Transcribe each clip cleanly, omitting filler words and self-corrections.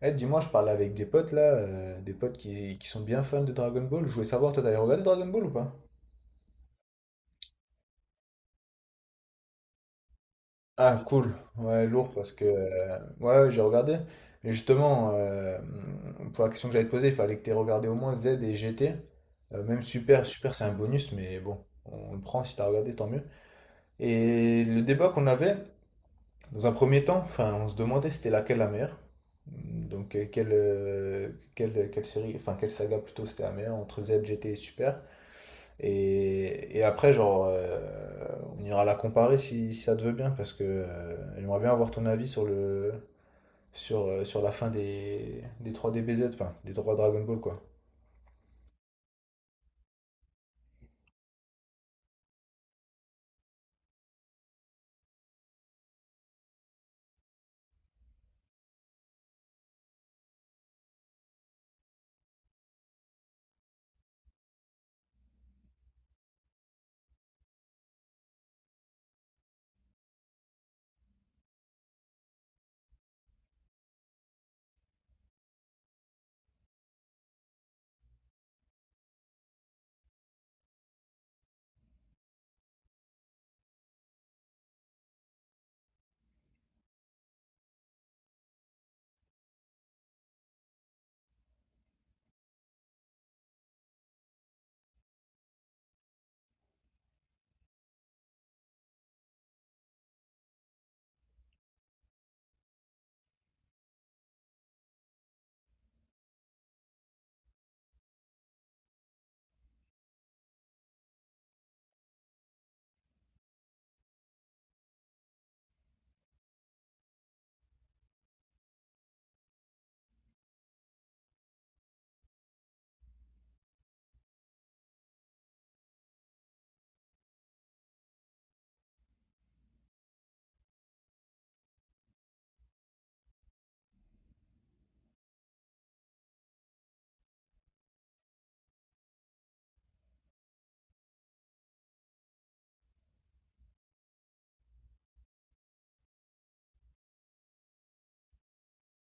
Eh, dis-moi, je parlais avec des potes là, des potes qui sont bien fans de Dragon Ball. Je voulais savoir, toi, t'avais regardé Dragon Ball ou pas? Ah, cool. Ouais, lourd parce que. Ouais, ouais, j'ai regardé. Et justement, pour la question que j'allais te poser, il fallait que t'aies regardé au moins Z et GT. Même Super, c'est un bonus, mais bon, on le prend si t'as regardé, tant mieux. Et le débat qu'on avait, dans un premier temps, enfin, on se demandait c'était laquelle la meilleure. Donc, quelle série, enfin, quelle saga plutôt c'était la meilleure entre Z, GT et Super. Et après, genre, on ira la comparer si ça te veut bien, parce que j'aimerais bien avoir ton avis sur la fin des 3 DBZ, enfin, des 3 Dragon Ball, quoi.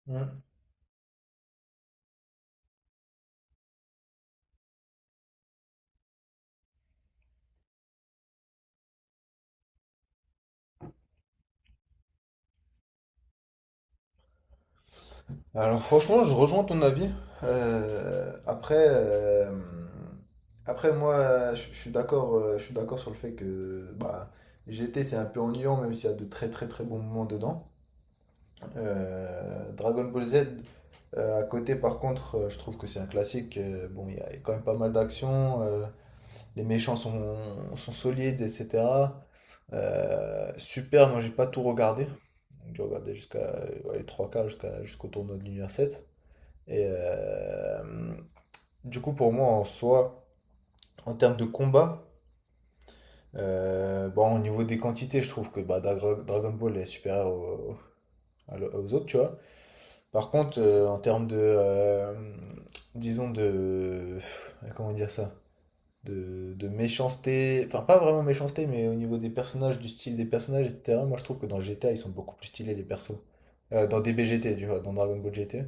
Mm. Alors, franchement, je rejoins ton avis. Euh, après, euh, Après, moi, je suis d'accord, je suis d'accord sur le fait que bah, GT, c'est un peu ennuyant, même s'il y a de très très très bons moments dedans. Dragon Ball Z, à côté, par contre, je trouve que c'est un classique. Bon, il y a quand même pas mal d'actions. Les méchants sont solides, etc. Super, moi j'ai pas tout regardé. Donc, j'ai regardé jusqu'à ouais, les trois quarts, jusqu'au tournoi de l'univers 7. Et euh, du coup, pour moi, en soi, en termes de combat, bon, au niveau des quantités, je trouve que bah, Dragon Ball est supérieur aux autres, tu vois. Par contre, en termes disons comment dire ça, de méchanceté, enfin pas vraiment méchanceté, mais au niveau des personnages, du style des personnages, etc. Moi, je trouve que dans GTA, ils sont beaucoup plus stylés les persos. Dans DBGT, tu vois, dans Dragon Ball GT.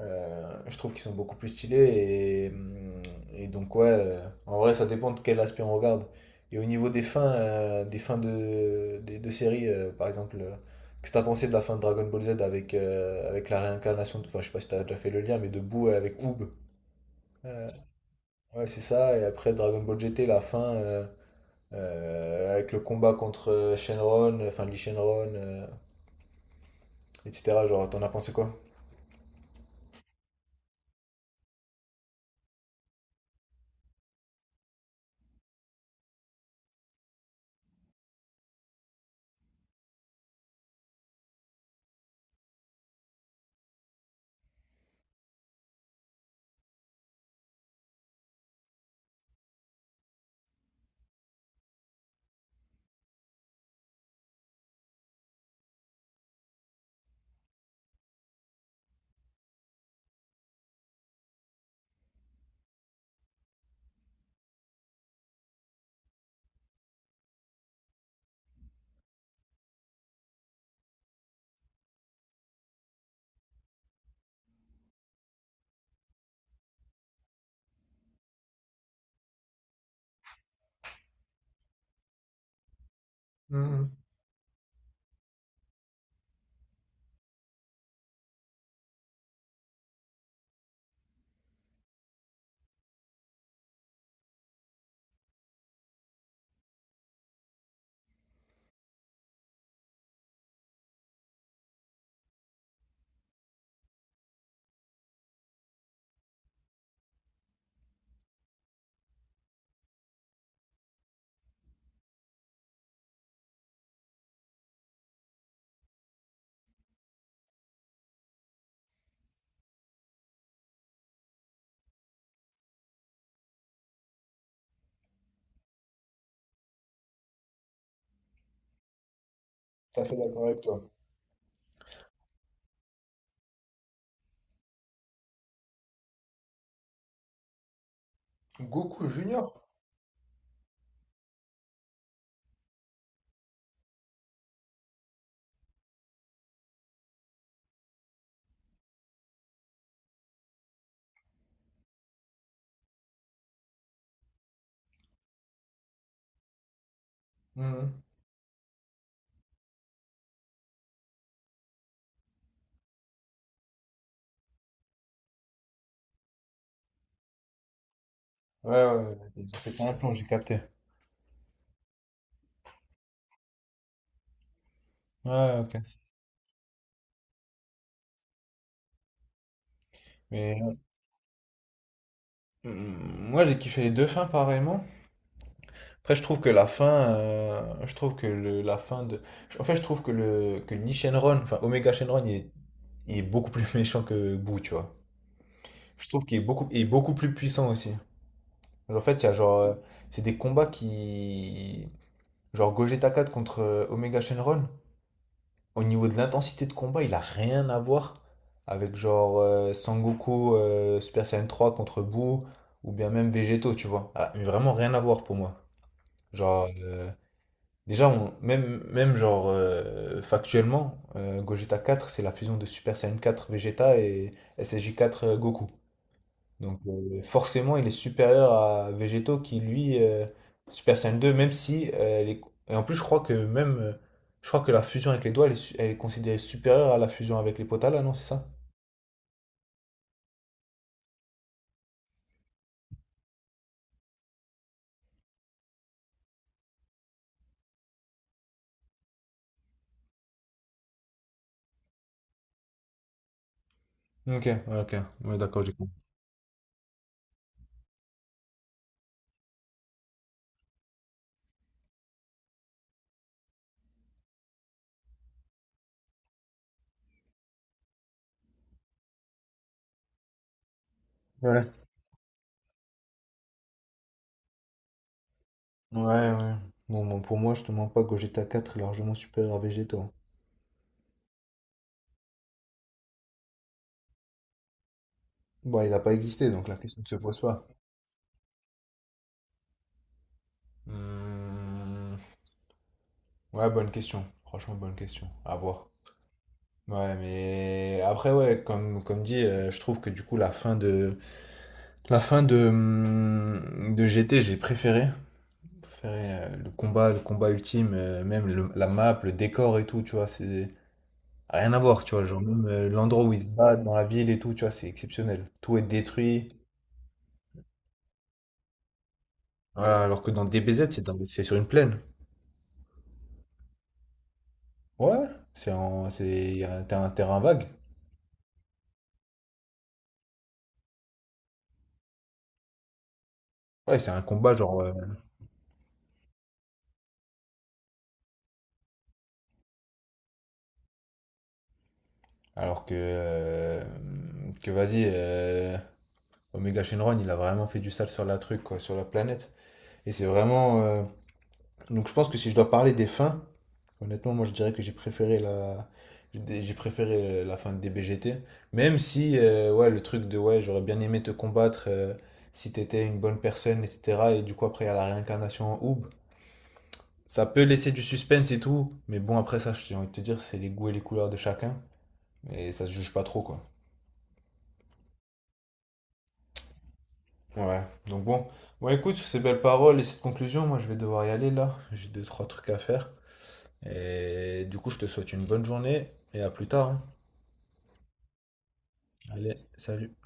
Je trouve qu'ils sont beaucoup plus stylés et, hum, et donc ouais, en vrai ça dépend de quel aspect on regarde. Et au niveau des fins, de séries, par exemple, qu'est-ce que t'as pensé de la fin de Dragon Ball Z avec, avec la réincarnation, enfin je sais pas si t'as déjà fait le lien, mais de Boo avec Oob. Euh, ouais c'est ça, et après Dragon Ball GT, la fin avec le combat contre Shenron, enfin Lee Shenron, etc. Genre t'en as pensé quoi? Mhm. Tout à fait d'accord avec toi. Goku Junior? Ouais, ouais, ouais, ils ont pété un plomb, j'ai capté. Ouais, ok. Mais moi, j'ai kiffé les deux fins pareillement. Après, je trouve que la fin, je trouve que la fin de, en fait, je trouve que Lee Shenron, enfin Omega Shenron, il est beaucoup plus méchant que Boo, tu vois. Je trouve qu'il est il est beaucoup plus puissant aussi. En fait, il y a genre, c'est des combats qui, genre Gogeta 4 contre Omega Shenron. Au niveau de l'intensité de combat, il a rien à voir avec genre Sangoku Super Saiyan 3 contre Buu ou bien même Végétaux, tu vois. Ah, mais vraiment rien à voir pour moi. Genre, déjà, même, même genre factuellement, Gogeta 4, c'est la fusion de Super Saiyan 4 Vegeta et SSJ 4 Goku. Donc forcément, il est supérieur à Végétaux qui, lui, Super Saiyan 2, même si. Et en plus, je crois que même. Je crois que la fusion avec les doigts, elle est, elle est considérée supérieure à la fusion avec les potas, là, non, c'est ça? Ok, ouais, ok, ouais, d'accord, j'ai compris. Ouais. Ouais, ouais. Bon, pour moi, je te mens pas, Gogeta 4 est largement supérieur à Végétaux. Bon, il n'a pas existé, donc la question ne se pose pas. Hmm, Ouais, bonne question. Franchement, bonne question. À voir. Ouais, mais après, ouais, comme dit, je trouve que du coup, la fin de GT, j'ai préféré. Préféré le combat ultime, même la map, le décor et tout, tu vois, c'est rien à voir, tu vois. Genre, même l'endroit où ils se battent dans la ville et tout, tu vois, c'est exceptionnel. Tout est détruit. Voilà, alors que dans DBZ, c'est sur une plaine. Ouais, ouais. C'est en, c'est, y a un, t'as un terrain vague. Ouais, c'est un combat, genre. Alors que. Que vas-y, Omega Shenron, il a vraiment fait du sale sur la truc, quoi, sur la planète. Et c'est vraiment. Donc je pense que si je dois parler des fins, honnêtement, moi je dirais que j'ai préféré la fin de DBGT. Même si ouais, le truc de ouais, j'aurais bien aimé te combattre si t'étais une bonne personne, etc. Et du coup, après, il y a la réincarnation en Oub. Ça peut laisser du suspense et tout. Mais bon, après ça, j'ai envie de te dire, c'est les goûts et les couleurs de chacun. Et ça se juge pas trop, quoi. Ouais. Donc bon. Bon, écoute, sur ces belles paroles et cette conclusion, moi je vais devoir y aller là. J'ai deux, trois trucs à faire. Et du coup, je te souhaite une bonne journée et à plus tard, hein. Allez, salut.